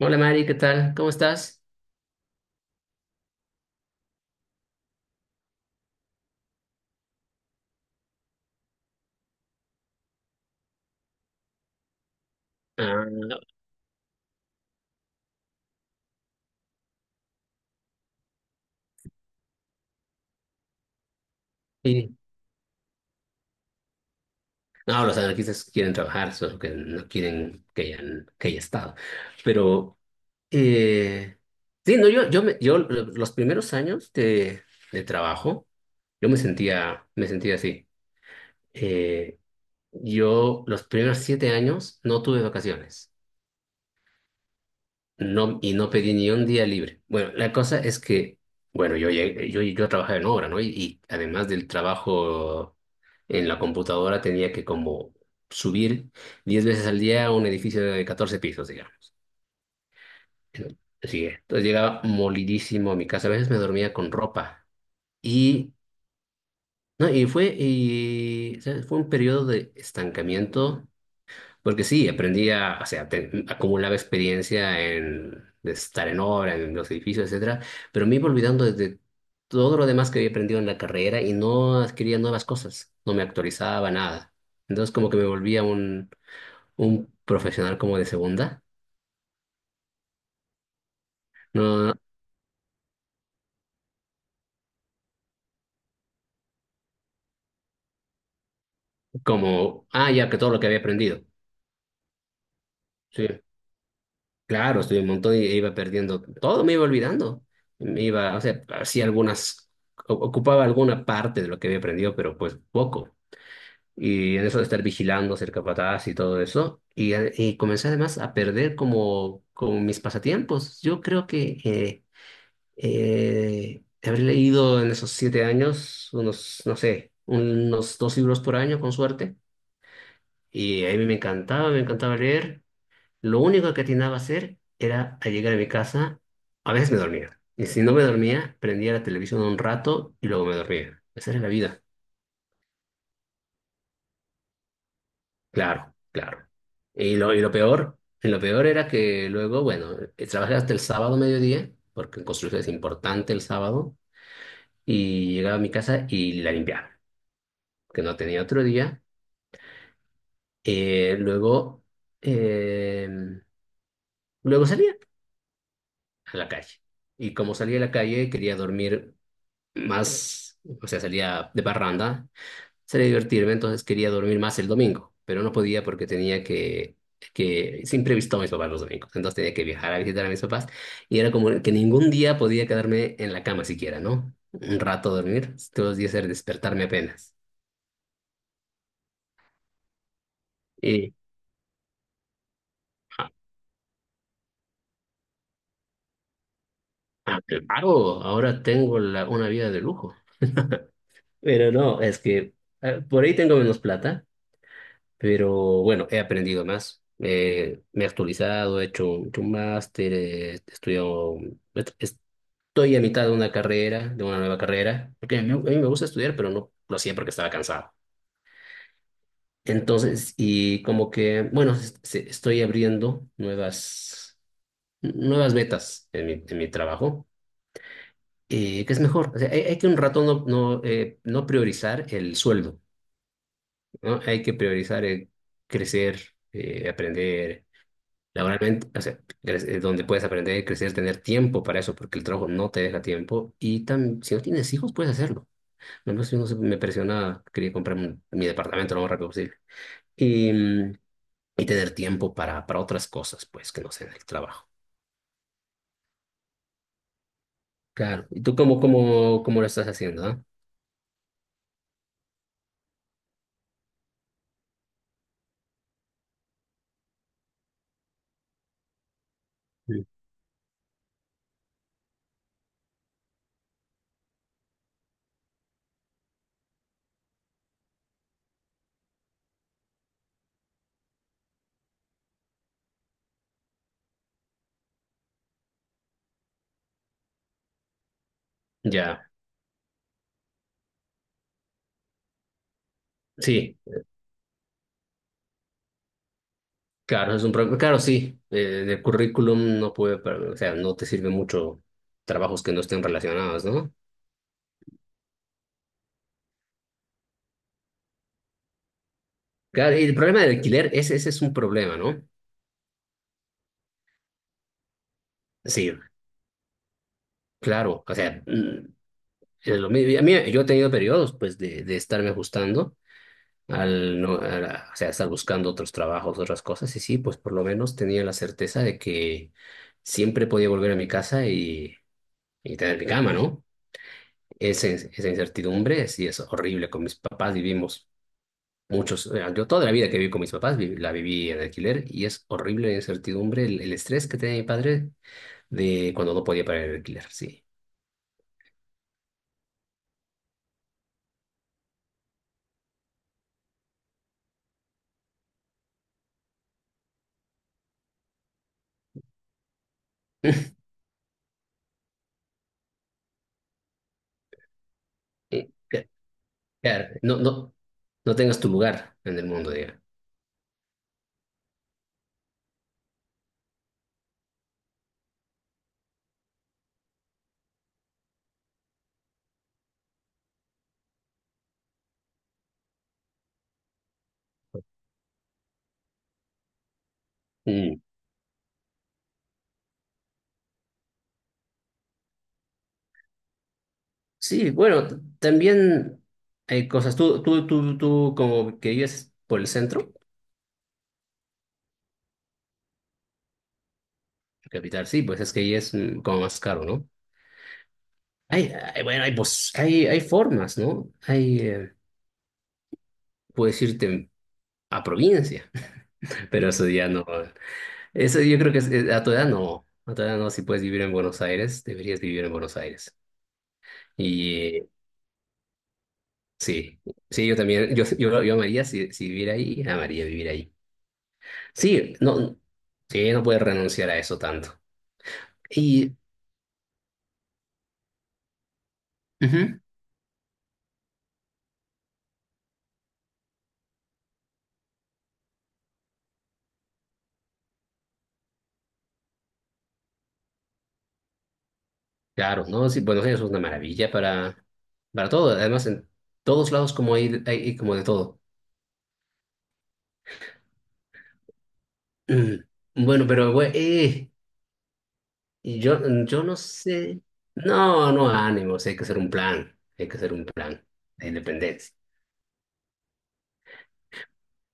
Hola Mari, ¿qué tal? ¿Cómo estás? Ah, y, no, los anarquistas quieren trabajar, solo que no quieren que hayan, que haya estado. Pero, eh, sí, no, yo los primeros años de trabajo, yo me sentía así. Eh, yo los primeros 7 años no tuve vacaciones. No, y no pedí ni un día libre. Bueno, la cosa es que, bueno, yo trabajaba en obra, ¿no? Y además del trabajo en la computadora tenía que como subir 10 veces al día a un edificio de 14 pisos, digamos. Sí, entonces llegaba molidísimo a mi casa. A veces me dormía con ropa. Y, no, ¿sabes? Fue un periodo de estancamiento. Porque sí, aprendí a, o sea, acumulaba experiencia en de estar en obra, en los edificios, etcétera, pero me iba olvidando de todo lo demás que había aprendido en la carrera y no adquiría nuevas cosas, no me actualizaba nada. Entonces como que me volvía un profesional como de segunda, no como, ah, ya que todo lo que había aprendido. Sí, claro, estudié un montón y iba perdiendo todo, me iba olvidando. Me iba, o sea, hacía algunas, ocupaba alguna parte de lo que había aprendido, pero pues poco. Y en eso de estar vigilando, ser capataz y todo eso. Y comencé además a perder como mis pasatiempos. Yo creo que habré leído en esos 7 años unos, no sé, unos 2 libros por año con suerte. Y a mí me encantaba leer. Lo único que atinaba a hacer era a llegar a mi casa, a veces me dormía. Y si no me dormía, prendía la televisión un rato y luego me dormía. Esa era la vida. Claro, claro. Y lo peor, lo peor era que luego, bueno, trabajé hasta el sábado mediodía, porque en construcción es importante el sábado, y llegaba a mi casa y la limpiaba, que no tenía otro día. Eh, luego, eh, luego salía a la calle. Y como salía a la calle, quería dormir más, o sea, salía de parranda sería divertirme, entonces quería dormir más el domingo, pero no podía porque tenía que siempre he visto a mis papás los domingos, entonces tenía que viajar a visitar a mis papás y era como que ningún día podía quedarme en la cama siquiera, ¿no? Un rato dormir, todos los días era despertarme apenas. Y ah, claro, ahora tengo una vida de lujo. Pero no, es que por ahí tengo menos plata, pero bueno, he aprendido más. Me he actualizado, he hecho un máster, he estudiado. Estoy a mitad de una carrera, de una nueva carrera, porque a mí me gusta estudiar, pero no lo hacía porque estaba cansado. Entonces, y como que, bueno, estoy abriendo nuevas metas en mi trabajo, que es mejor. O sea, hay que un rato no, no, no priorizar el sueldo, ¿no? Hay que priorizar el crecer, aprender laboralmente, o sea, donde puedes aprender, crecer, tener tiempo para eso, porque el trabajo no te deja tiempo. Y si no tienes hijos, puedes hacerlo. No, pues, no sé, me presionaba quería comprarme mi departamento lo más rápido posible. Y, mm, y tener tiempo para otras cosas, pues, que no sean el trabajo. Claro. ¿Y tú cómo lo estás haciendo, ah? Sí. Ya, sí, claro, es un problema. Claro, sí, el currículum no puede, pero, o sea, no te sirve mucho trabajos que no estén relacionados, ¿no? Claro, y el problema del alquiler, ese es un problema, ¿no? Sí, claro, o sea, es lo mismo. Y a mí, yo he tenido periodos, pues, de estarme ajustando al no, o sea, estar buscando otros trabajos, otras cosas, y sí, pues por lo menos tenía la certeza de que siempre podía volver a mi casa y tener mi cama, ¿no? Esa incertidumbre sí es horrible. Con mis papás vivimos muchos, yo toda la vida que viví con mis papás la viví en alquiler y es horrible la incertidumbre, el estrés que tenía mi padre de cuando no podía pagar el alquiler, sí. Eh, Claro, no, no, no tengas tu lugar en el mundo, diga. Sí, bueno, también hay cosas. Tú, como que vives por el centro, capital, sí, pues es que ahí es como más caro, ¿no? Hay, hay, bueno, hay formas, ¿no? Hay, puedes irte a provincia, pero eso ya no. Eso yo creo que a tu edad no. A tu edad no, si puedes vivir en Buenos Aires, deberías vivir en Buenos Aires. Y sí, sí, yo también, yo amaría si, si viviera ahí, amaría vivir ahí. Sí, no, sí, no puedes renunciar a eso tanto. Y, ujú, claro, ¿no? Sí, Buenos Aires es una maravilla para todo. Además, en todos lados como hay como de todo. Mm, Bueno, pero, güey, y yo no sé. No, no, ánimos, hay que hacer un plan. Hay que hacer un plan de independencia.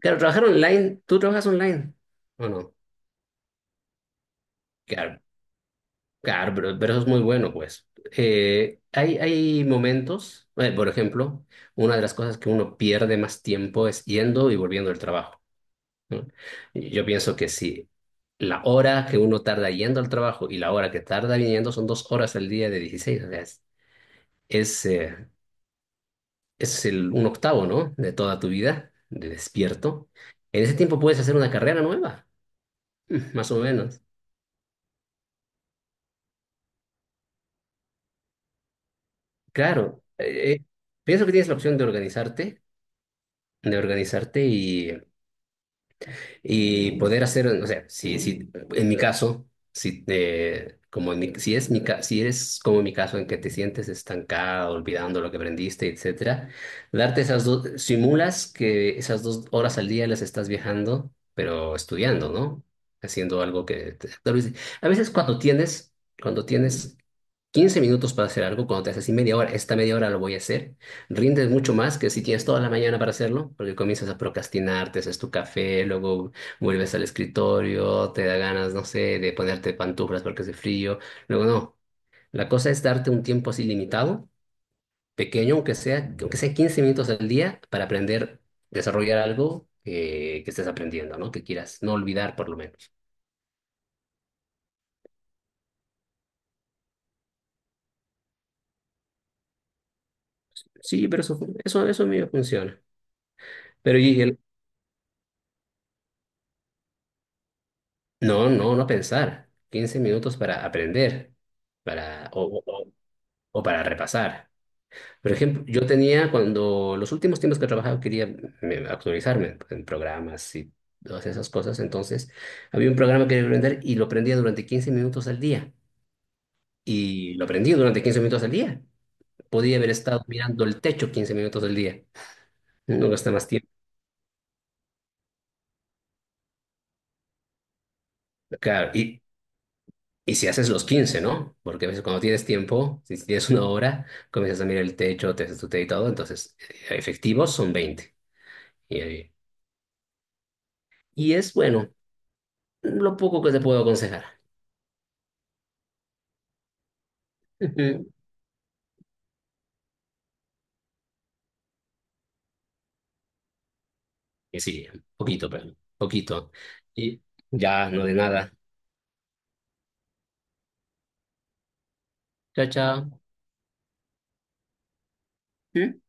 Claro, trabajar online, ¿tú trabajas online o no? Claro, claro, pero eso es muy bueno, pues. Hay momentos, por ejemplo, una de las cosas que uno pierde más tiempo es yendo y volviendo del trabajo, ¿no? Y yo pienso que si la hora que uno tarda yendo al trabajo y la hora que tarda viniendo son 2 horas al día de 16, o sea, es, eh, es un octavo, ¿no? De toda tu vida, de despierto. En ese tiempo puedes hacer una carrera nueva, más o menos. Claro, pienso que tienes la opción de organizarte, de organizarte y Y poder hacer, o sea, si, si, en mi caso, si, si, si eres como mi caso en que te sientes estancado, olvidando lo que aprendiste, etcétera, darte esas dos, simulas que esas 2 horas al día las estás viajando, pero estudiando, ¿no? Haciendo algo que, a veces cuando tienes 15 minutos para hacer algo, cuando te haces así media hora, esta media hora lo voy a hacer, rindes mucho más que si tienes toda la mañana para hacerlo, porque comienzas a procrastinar, te haces tu café, luego vuelves al escritorio, te da ganas, no sé, de ponerte pantuflas porque hace frío. Luego, no, la cosa es darte un tiempo así limitado, pequeño, aunque sea 15 minutos al día, para aprender, desarrollar algo que estés aprendiendo, ¿no? Que quieras no olvidar por lo menos. Sí, pero eso, eso, a mí me funciona. Pero no, no, no pensar. Quince minutos para aprender, para, o para repasar. Por ejemplo, yo tenía cuando los últimos tiempos que he trabajado quería actualizarme en programas y todas esas cosas. Entonces, había un programa que quería aprender y lo aprendía durante 15 minutos al día. Y lo aprendí durante 15 minutos al día. Podía haber estado mirando el techo 15 minutos al día. No gasta más tiempo. Claro, y si haces los 15, ¿no? Porque a veces cuando tienes tiempo, si tienes una hora, comienzas a mirar el techo, te haces tu té y todo. Entonces, efectivos son 20. Y, ahí- y es bueno, lo poco que te puedo aconsejar. Ujú. Y sí, poquito, pero poquito. Y ya, no de nada. Chao, chao. ¿Mm?